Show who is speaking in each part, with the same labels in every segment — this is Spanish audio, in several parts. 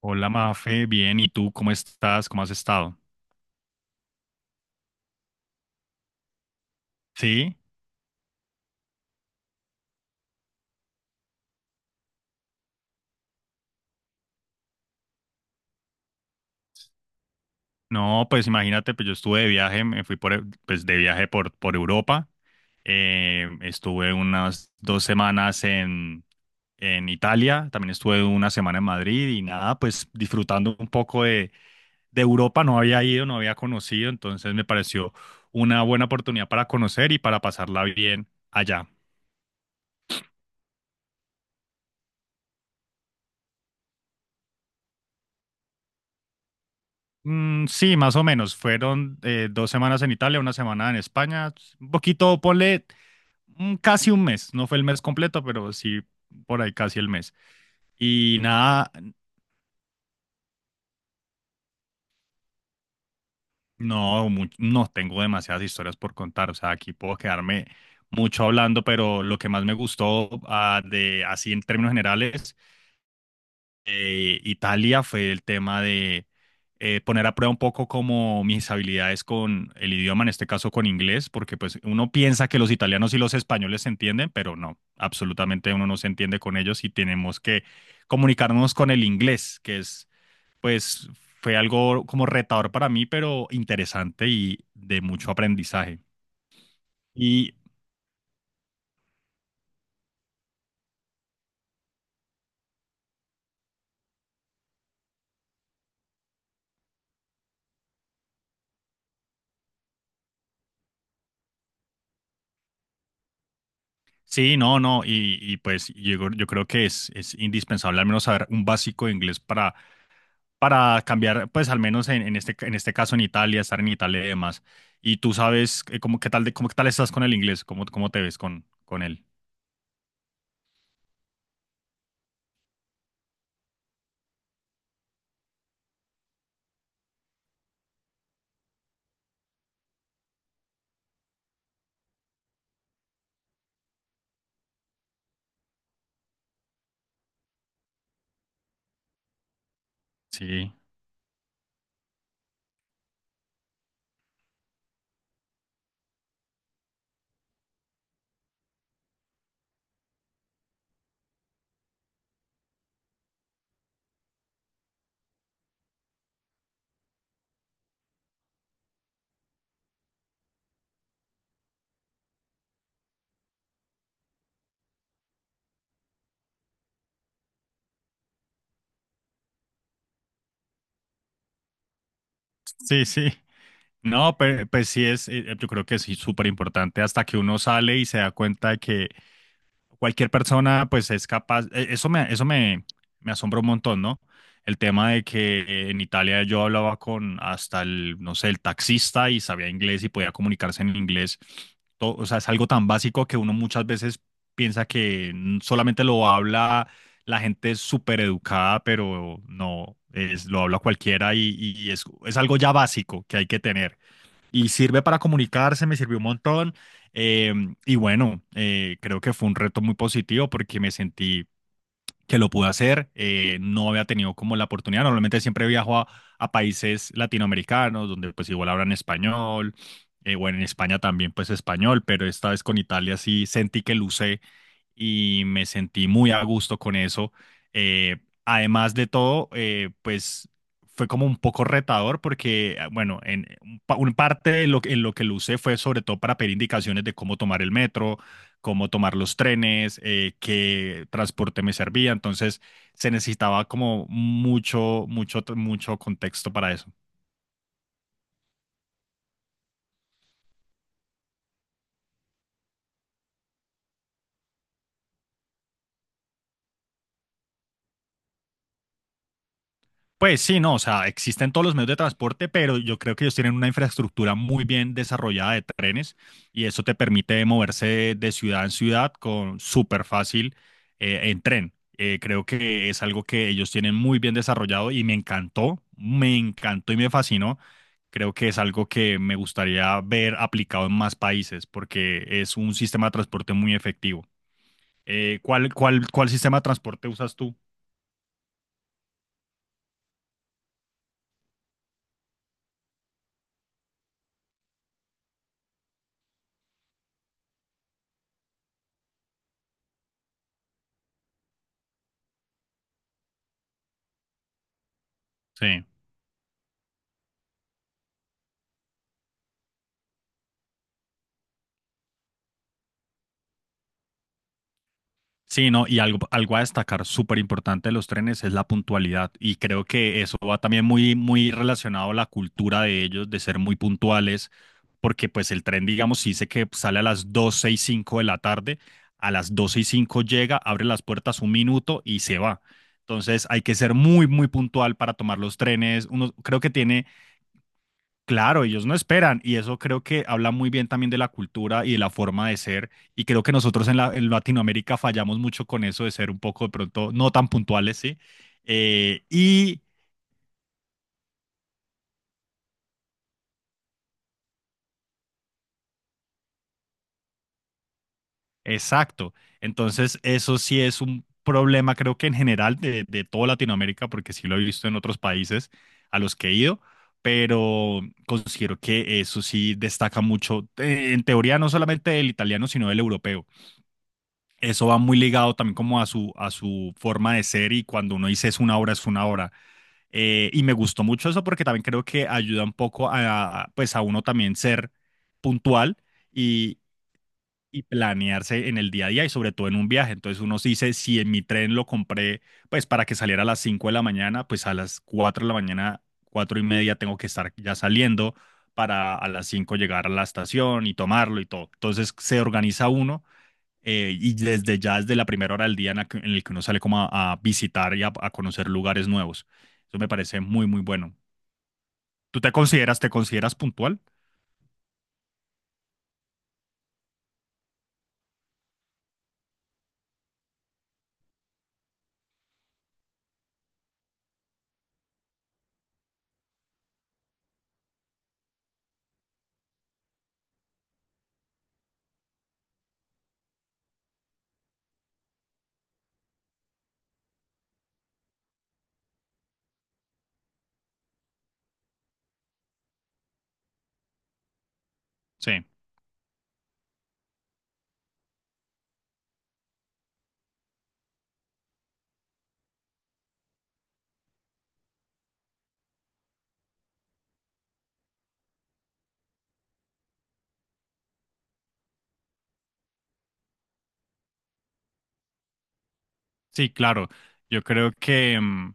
Speaker 1: Hola Mafe, bien, ¿y tú cómo estás? ¿Cómo has estado? Sí, no, pues imagínate, pues yo estuve de viaje, me fui pues de viaje por Europa. Estuve unas dos semanas en Italia, también estuve una semana en Madrid y nada, pues disfrutando un poco de Europa. No había ido, no había conocido, entonces me pareció una buena oportunidad para conocer y para pasarla bien allá. Sí, más o menos. Fueron dos semanas en Italia, una semana en España. Un poquito, ponle casi un mes. No fue el mes completo, pero sí por ahí casi el mes. Y nada, no, no tengo demasiadas historias por contar. O sea, aquí puedo quedarme mucho hablando, pero lo que más me gustó de así en términos generales Italia, fue el tema de poner a prueba un poco como mis habilidades con el idioma, en este caso con inglés, porque pues uno piensa que los italianos y los españoles se entienden, pero no, absolutamente uno no se entiende con ellos y tenemos que comunicarnos con el inglés, que es pues fue algo como retador para mí, pero interesante y de mucho aprendizaje. Y sí, no, no, y pues yo creo que es indispensable al menos saber un básico de inglés para cambiar, pues al menos en este caso en Italia, estar en Italia y demás. Y tú sabes, cómo, qué tal, cómo, qué tal estás con el inglés, cómo, cómo te ves con él. Sí, sí, sí. No, pues, sí es, yo creo que es súper importante hasta que uno sale y se da cuenta de que cualquier persona pues es capaz, eso me, me asombra un montón, ¿no? El tema de que en Italia yo hablaba con hasta el, no sé, el taxista y sabía inglés y podía comunicarse en inglés. O sea, es algo tan básico que uno muchas veces piensa que solamente lo habla la gente súper educada, pero no, es, lo habla cualquiera y es algo ya básico que hay que tener y sirve para comunicarse, me sirvió un montón. eh, y bueno, creo que fue un reto muy positivo porque me sentí que lo pude hacer. No había tenido como la oportunidad. Normalmente siempre viajo a países latinoamericanos donde pues igual hablan español. Bueno, en España también pues español, pero esta vez con Italia sí sentí que lucé y me sentí muy a gusto con eso. Eh, Además de todo, pues fue como un poco retador porque, ah, bueno, en un parte de lo, en lo que lo usé fue sobre todo para pedir indicaciones de cómo tomar el metro, cómo tomar los trenes. Qué transporte me servía. Entonces se necesitaba como mucho, mucho, mucho contexto para eso. Pues sí, no, o sea, existen todos los medios de transporte, pero yo creo que ellos tienen una infraestructura muy bien desarrollada de trenes y eso te permite moverse de, ciudad en ciudad con súper fácil, en tren. Creo que es algo que ellos tienen muy bien desarrollado y me encantó y me fascinó. Creo que es algo que me gustaría ver aplicado en más países porque es un sistema de transporte muy efectivo. ¿Cuál, cuál, cuál sistema de transporte usas tú? Sí. Sí, no, y algo, algo a destacar súper importante de los trenes es la puntualidad, y creo que eso va también muy, muy relacionado a la cultura de ellos de ser muy puntuales, porque pues el tren, digamos, si dice que sale a las 12 y 5 de la tarde, a las 12 y 5 llega, abre las puertas un minuto y se va. Entonces hay que ser muy, muy puntual para tomar los trenes. Uno creo que tiene claro, ellos no esperan, y eso creo que habla muy bien también de la cultura y de la forma de ser, y creo que nosotros en, en Latinoamérica fallamos mucho con eso de ser un poco de pronto no tan puntuales, ¿sí? Eh, y exacto, entonces eso sí es un problema creo que en general de toda Latinoamérica porque sí lo he visto en otros países a los que he ido, pero considero que eso sí destaca mucho, en teoría no solamente del italiano sino del europeo. Eso va muy ligado también como a su forma de ser, y cuando uno dice es una obra, es una obra. Me gustó mucho eso porque también creo que ayuda un poco a, pues a uno también ser puntual y, y planearse en el día a día, y sobre todo en un viaje. Entonces uno se dice, si en mi tren lo compré pues para que saliera a las 5 de la mañana, pues a las 4 de la mañana, 4 y media tengo que estar ya saliendo para a las 5 llegar a la estación y tomarlo y todo. Entonces se organiza uno, y desde ya, desde la primera hora del día en en el que uno sale como a visitar y a conocer lugares nuevos. Eso me parece muy, muy bueno. ¿Tú te consideras puntual? Sí, sí, claro. Yo creo que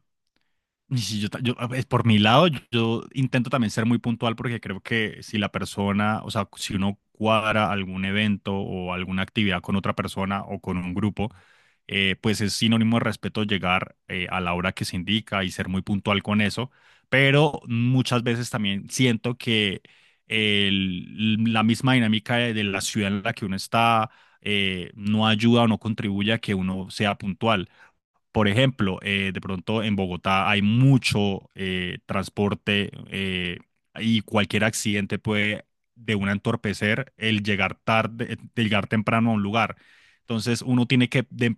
Speaker 1: y si yo, yo, a ver, por mi lado, yo intento también ser muy puntual porque creo que si la persona, o sea, si uno cuadra algún evento o alguna actividad con otra persona o con un grupo, pues es sinónimo de respeto llegar a la hora que se indica y ser muy puntual con eso, pero muchas veces también siento que la misma dinámica de la ciudad en la que uno está no ayuda o no contribuye a que uno sea puntual. Por ejemplo, de pronto en Bogotá hay mucho transporte, y cualquier accidente puede de una entorpecer el llegar tarde, el llegar temprano a un lugar. Entonces uno tiene que,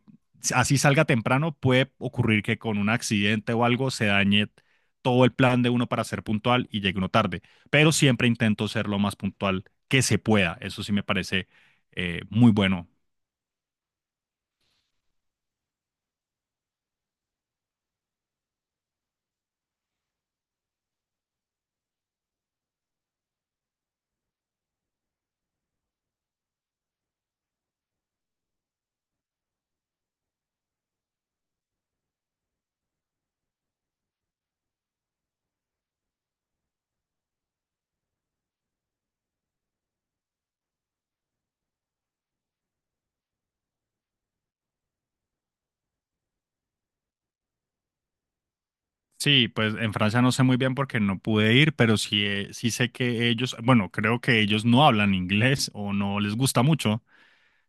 Speaker 1: así salga temprano, puede ocurrir que con un accidente o algo se dañe todo el plan de uno para ser puntual y llegue uno tarde. Pero siempre intento ser lo más puntual que se pueda. Eso sí me parece muy bueno. Sí, pues en Francia no sé muy bien porque no pude ir, pero sí, sí sé que ellos, bueno, creo que ellos no hablan inglés o no les gusta mucho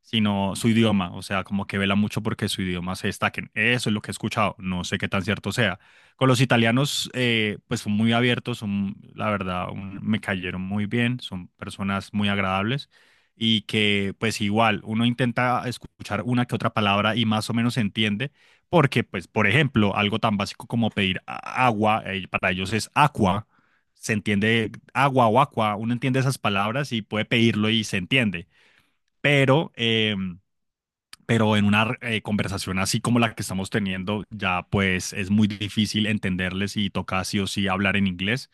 Speaker 1: sino su idioma, o sea, como que vela mucho porque su idioma se destaquen. Eso es lo que he escuchado, no sé qué tan cierto sea. Con los italianos, pues son muy abiertos, son, la verdad, me cayeron muy bien, son personas muy agradables y que pues igual uno intenta escuchar una que otra palabra y más o menos se entiende, porque pues, por ejemplo, algo tan básico como pedir agua, para ellos es aqua. Se entiende agua o aqua, uno entiende esas palabras y puede pedirlo y se entiende, pero pero en una conversación así como la que estamos teniendo, ya pues es muy difícil entenderles y toca sí o sí hablar en inglés,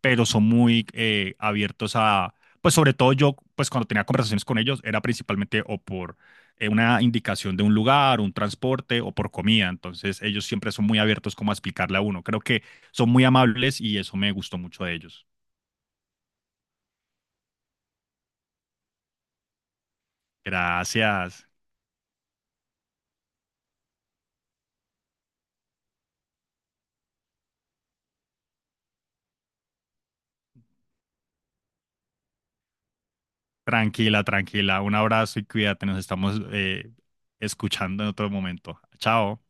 Speaker 1: pero son muy abiertos a, pues sobre todo yo, pues cuando tenía conversaciones con ellos, era principalmente o por una indicación de un lugar, un transporte o por comida, entonces ellos siempre son muy abiertos como a explicarle a uno. Creo que son muy amables y eso me gustó mucho de ellos. Gracias. Tranquila, tranquila. Un abrazo y cuídate. Nos estamos, escuchando en otro momento. Chao.